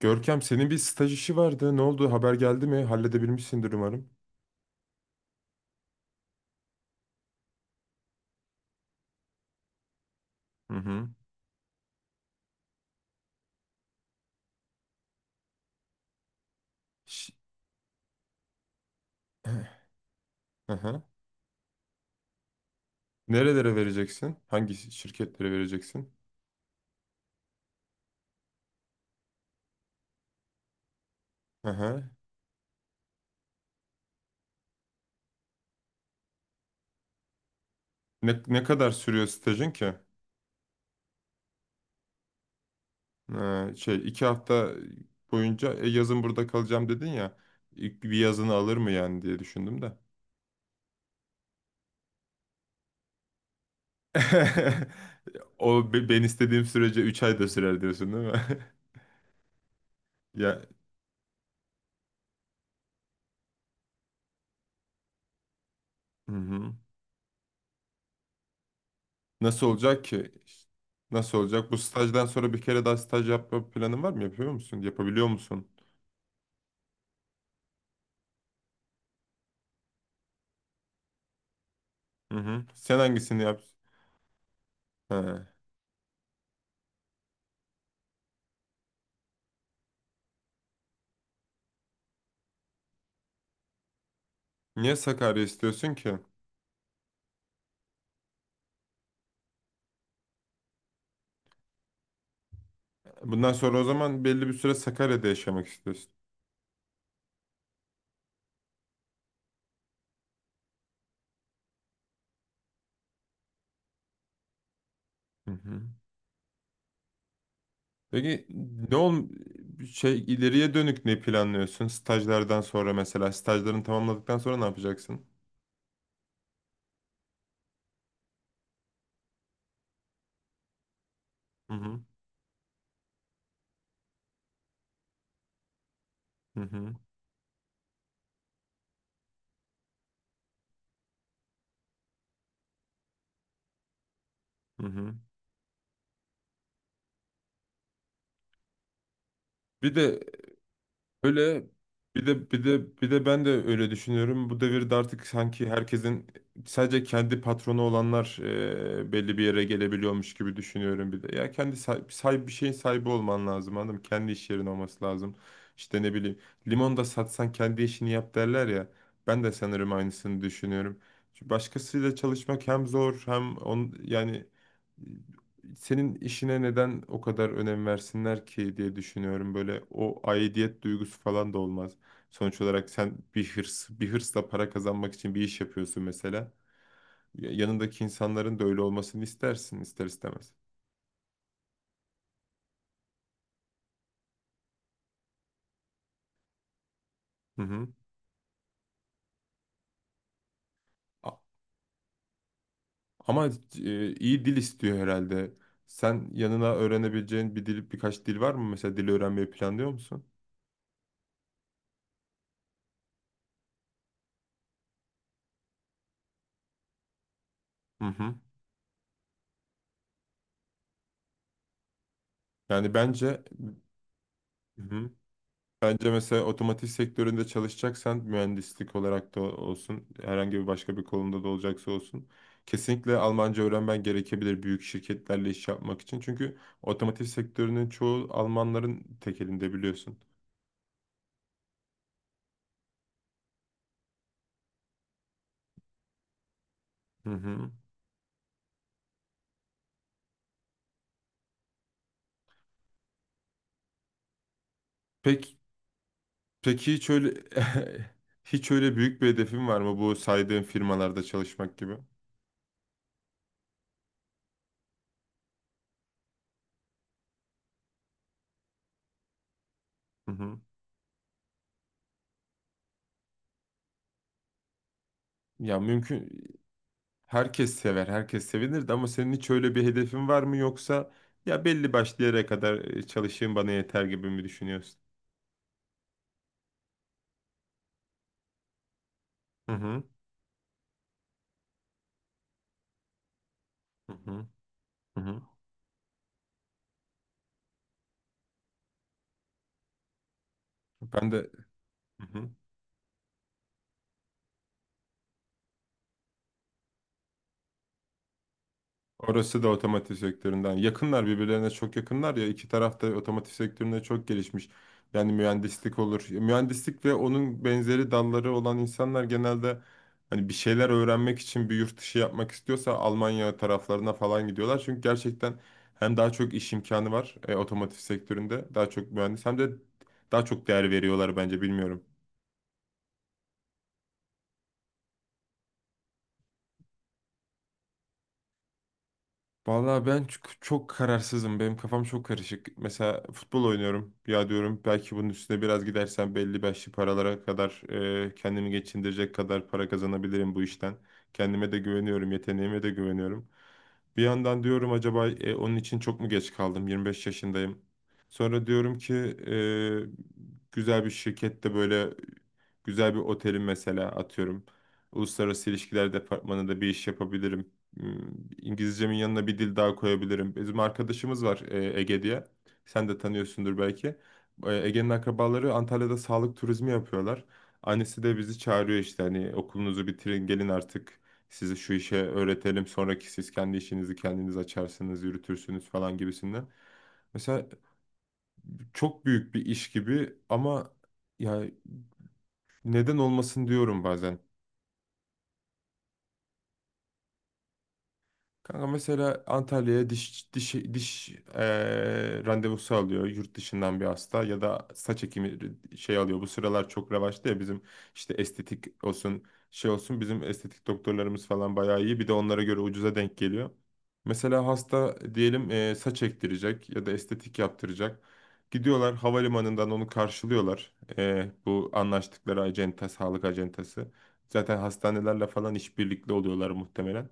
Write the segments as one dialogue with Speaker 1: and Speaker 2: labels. Speaker 1: Görkem senin bir staj işi vardı. Ne oldu? Haber geldi mi? Halledebilmişsindir umarım. Hı hı. Ş- Hı hı. Nerelere vereceksin? Hangi şirketlere vereceksin? Hı hı. Ne kadar sürüyor stajın ki? Ha, 2 hafta boyunca yazın burada kalacağım dedin ya. İlk bir yazını alır mı yani diye düşündüm de. O ben istediğim sürece 3 ay da sürer diyorsun değil mi? Ya, hı hı. Nasıl olacak ki? İşte nasıl olacak? Bu stajdan sonra bir kere daha staj yapma planın var mı? Yapıyor musun? Yapabiliyor musun? Hı hı. Sen hangisini yap? He. Niye Sakarya istiyorsun ki? Bundan sonra o zaman belli bir süre Sakarya'da yaşamak istiyorsun. Hı hı. Peki, ne ol şey ileriye dönük ne planlıyorsun? Stajlardan sonra mesela stajlarını tamamladıktan sonra ne yapacaksın? Hı hı. Hı hı. Hı hı. Bir de Öyle bir de bir de bir de ben de öyle düşünüyorum. Bu devirde artık sanki herkesin sadece kendi patronu olanlar belli bir yere gelebiliyormuş gibi düşünüyorum bir de. Ya kendi bir şeyin sahibi olman lazım, anladın mı? Kendi iş yerin olması lazım. İşte ne bileyim, limon da satsan kendi işini yap derler ya. Ben de sanırım aynısını düşünüyorum. Çünkü başkasıyla çalışmak hem zor, yani senin işine neden o kadar önem versinler ki diye düşünüyorum. Böyle o aidiyet duygusu falan da olmaz. Sonuç olarak sen bir hırsla para kazanmak için bir iş yapıyorsun mesela. Yanındaki insanların da öyle olmasını istersin, ister istemez. Hı hı. A- Ama iyi dil istiyor herhalde. Sen yanına öğrenebileceğin bir dil, birkaç dil var mı? Mesela dil öğrenmeyi planlıyor musun? Hı hı. Yani bence. Hı hı. Bence mesela otomotiv sektöründe çalışacaksan mühendislik olarak da olsun, herhangi bir başka bir konuda da olacaksa olsun, kesinlikle Almanca öğrenmen gerekebilir büyük şirketlerle iş yapmak için. Çünkü otomotiv sektörünün çoğu Almanların tek elinde, biliyorsun. Hı hı. Peki, peki hiç öyle hiç öyle büyük bir hedefin var mı bu saydığın firmalarda çalışmak gibi? Hı hı. Ya mümkün Herkes sever, herkes sevinirdi ama senin hiç öyle bir hedefin var mı, yoksa ya belli başlı yere kadar çalışayım bana yeter gibi mi düşünüyorsun? Hı hı, hı hı, hı hı. Ben de, hı hı. Orası da otomotiv sektöründen. Yakınlar, birbirlerine çok yakınlar ya. İki taraf da otomotiv sektöründe çok gelişmiş. Yani mühendislik olur. Mühendislik ve onun benzeri dalları olan insanlar genelde, hani bir şeyler öğrenmek için bir yurt dışı yapmak istiyorsa, Almanya taraflarına falan gidiyorlar. Çünkü gerçekten hem daha çok iş imkanı var otomotiv sektöründe daha çok mühendis, hem de daha çok değer veriyorlar bence, bilmiyorum. Vallahi ben çok, çok kararsızım. Benim kafam çok karışık. Mesela futbol oynuyorum. Ya diyorum, belki bunun üstüne biraz gidersem belli başlı paralara kadar, kendimi geçindirecek kadar para kazanabilirim bu işten. Kendime de güveniyorum, yeteneğime de güveniyorum. Bir yandan diyorum, acaba onun için çok mu geç kaldım? 25 yaşındayım. Sonra diyorum ki güzel bir şirkette, böyle güzel bir otelin mesela, atıyorum, uluslararası ilişkiler departmanında bir iş yapabilirim. Hmm, İngilizcemin yanına bir dil daha koyabilirim. Bizim arkadaşımız var Ege diye. Sen de tanıyorsundur belki. Ege'nin akrabaları Antalya'da sağlık turizmi yapıyorlar. Annesi de bizi çağırıyor, işte hani okulunuzu bitirin, gelin artık, sizi şu işe öğretelim. Sonraki siz kendi işinizi kendiniz açarsınız, yürütürsünüz falan gibisinden. Mesela çok büyük bir iş gibi ama ya neden olmasın diyorum bazen. Kanka mesela Antalya'ya diş randevusu alıyor yurt dışından bir hasta, ya da saç ekimi şey alıyor. Bu sıralar çok revaçta ya bizim, işte estetik olsun, şey olsun, bizim estetik doktorlarımız falan bayağı iyi. Bir de onlara göre ucuza denk geliyor. Mesela hasta diyelim, saç ektirecek ya da estetik yaptıracak. Gidiyorlar havalimanından onu karşılıyorlar. Bu anlaştıkları acenta, sağlık acentası. Zaten hastanelerle falan işbirlikli oluyorlar muhtemelen.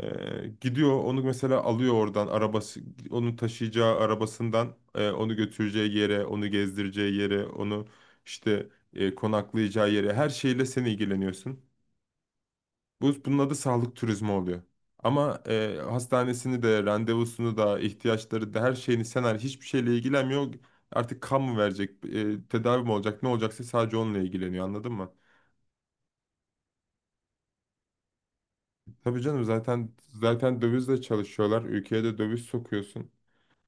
Speaker 1: Gidiyor onu mesela alıyor oradan, arabası onu taşıyacağı arabasından onu götüreceği yere, onu gezdireceği yere, onu işte konaklayacağı yere, her şeyle sen ilgileniyorsun. Bunun adı sağlık turizmi oluyor. Ama hastanesini de, randevusunu da, ihtiyaçları da, her şeyini sen hiçbir şeyle ilgilenmiyor. Artık kan mı verecek, tedavi mi olacak, ne olacaksa, sadece onunla ilgileniyor, anladın mı? Tabii canım, zaten dövizle çalışıyorlar. Ülkeye de döviz sokuyorsun.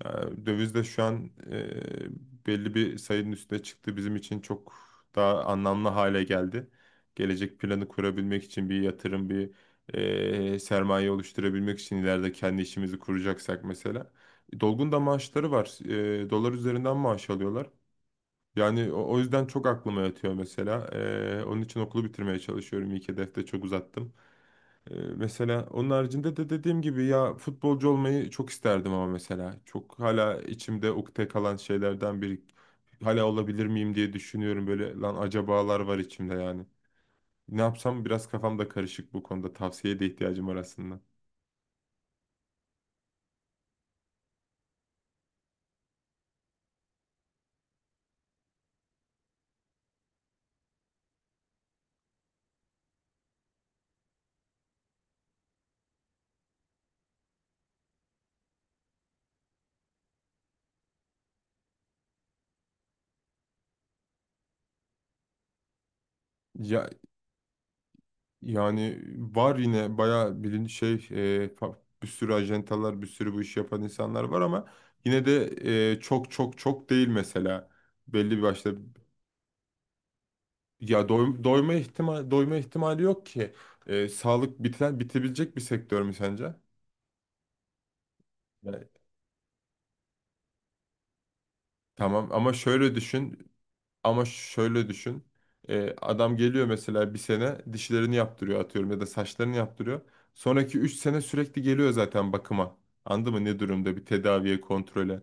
Speaker 1: Yani döviz de şu an belli bir sayının üstüne çıktı. Bizim için çok daha anlamlı hale geldi. Gelecek planı kurabilmek için bir yatırım, bir sermaye oluşturabilmek için, ileride kendi işimizi kuracaksak mesela. Dolgun da maaşları var. Dolar üzerinden maaş alıyorlar. Yani o yüzden çok aklıma yatıyor mesela. Onun için okulu bitirmeye çalışıyorum. İlk hedefte çok uzattım. Mesela onun haricinde de, dediğim gibi, ya futbolcu olmayı çok isterdim ama mesela, çok hala içimde ukde kalan şeylerden biri. Hala olabilir miyim diye düşünüyorum, böyle lan, acabalar var içimde yani. Ne yapsam, biraz kafam da karışık bu konuda, tavsiyeye de ihtiyacım var aslında. Ya yani, var yine bayağı, bilin şey e, fa- bir sürü ajantalar, bir sürü bu işi yapan insanlar var ama, yine de çok çok çok değil mesela, belli bir başta. Ya doyma ihtimali yok ki. Sağlık biten, bitebilecek bir sektör mü sence? Yani, tamam, ama şöyle düşün. Adam geliyor mesela, bir sene dişlerini yaptırıyor, atıyorum, ya da saçlarını yaptırıyor. Sonraki 3 sene sürekli geliyor zaten bakıma. Anladın mı ne durumda, bir tedaviye, kontrole.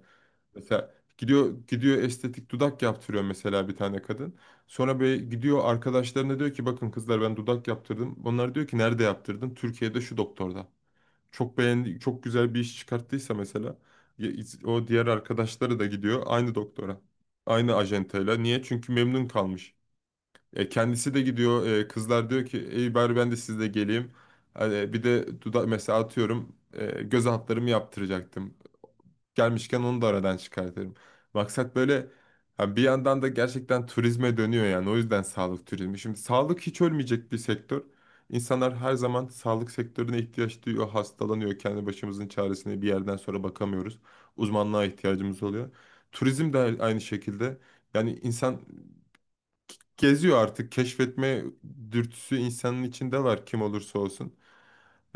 Speaker 1: Mesela gidiyor gidiyor estetik dudak yaptırıyor mesela bir tane kadın. Sonra böyle gidiyor arkadaşlarına diyor ki, bakın kızlar, ben dudak yaptırdım. Onlar diyor ki, nerede yaptırdın? Türkiye'de şu doktorda. Çok beğendi, çok güzel bir iş çıkarttıysa mesela, ya- o diğer arkadaşları da gidiyor aynı doktora. Aynı ajantayla. Niye? Çünkü memnun kalmış. Kendisi de gidiyor. Kızlar diyor ki, ey, bari ben de sizle geleyim. Hani bir de dudak mesela, atıyorum göz altlarımı yaptıracaktım, gelmişken onu da aradan çıkartırım. Maksat böyle, ha, bir yandan da gerçekten turizme dönüyor yani. O yüzden sağlık turizmi. Şimdi sağlık hiç ölmeyecek bir sektör. İnsanlar her zaman sağlık sektörüne ihtiyaç duyuyor, hastalanıyor. Kendi başımızın çaresine bir yerden sonra bakamıyoruz. Uzmanlığa ihtiyacımız oluyor. Turizm de aynı şekilde. Yani insan geziyor artık. Keşfetme dürtüsü insanın içinde var, kim olursa olsun.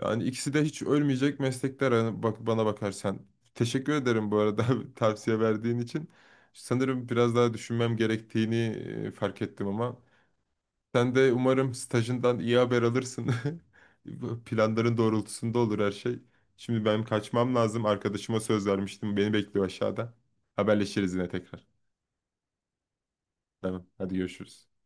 Speaker 1: Yani ikisi de hiç ölmeyecek meslekler, hani bak bana bakarsan. Teşekkür ederim bu arada, tavsiye verdiğin için. Sanırım biraz daha düşünmem gerektiğini fark ettim, ama sen de umarım stajından iyi haber alırsın. Bu planların doğrultusunda olur her şey. Şimdi ben kaçmam lazım. Arkadaşıma söz vermiştim. Beni bekliyor aşağıda. Haberleşiriz yine tekrar. Tamam, hadi görüşürüz.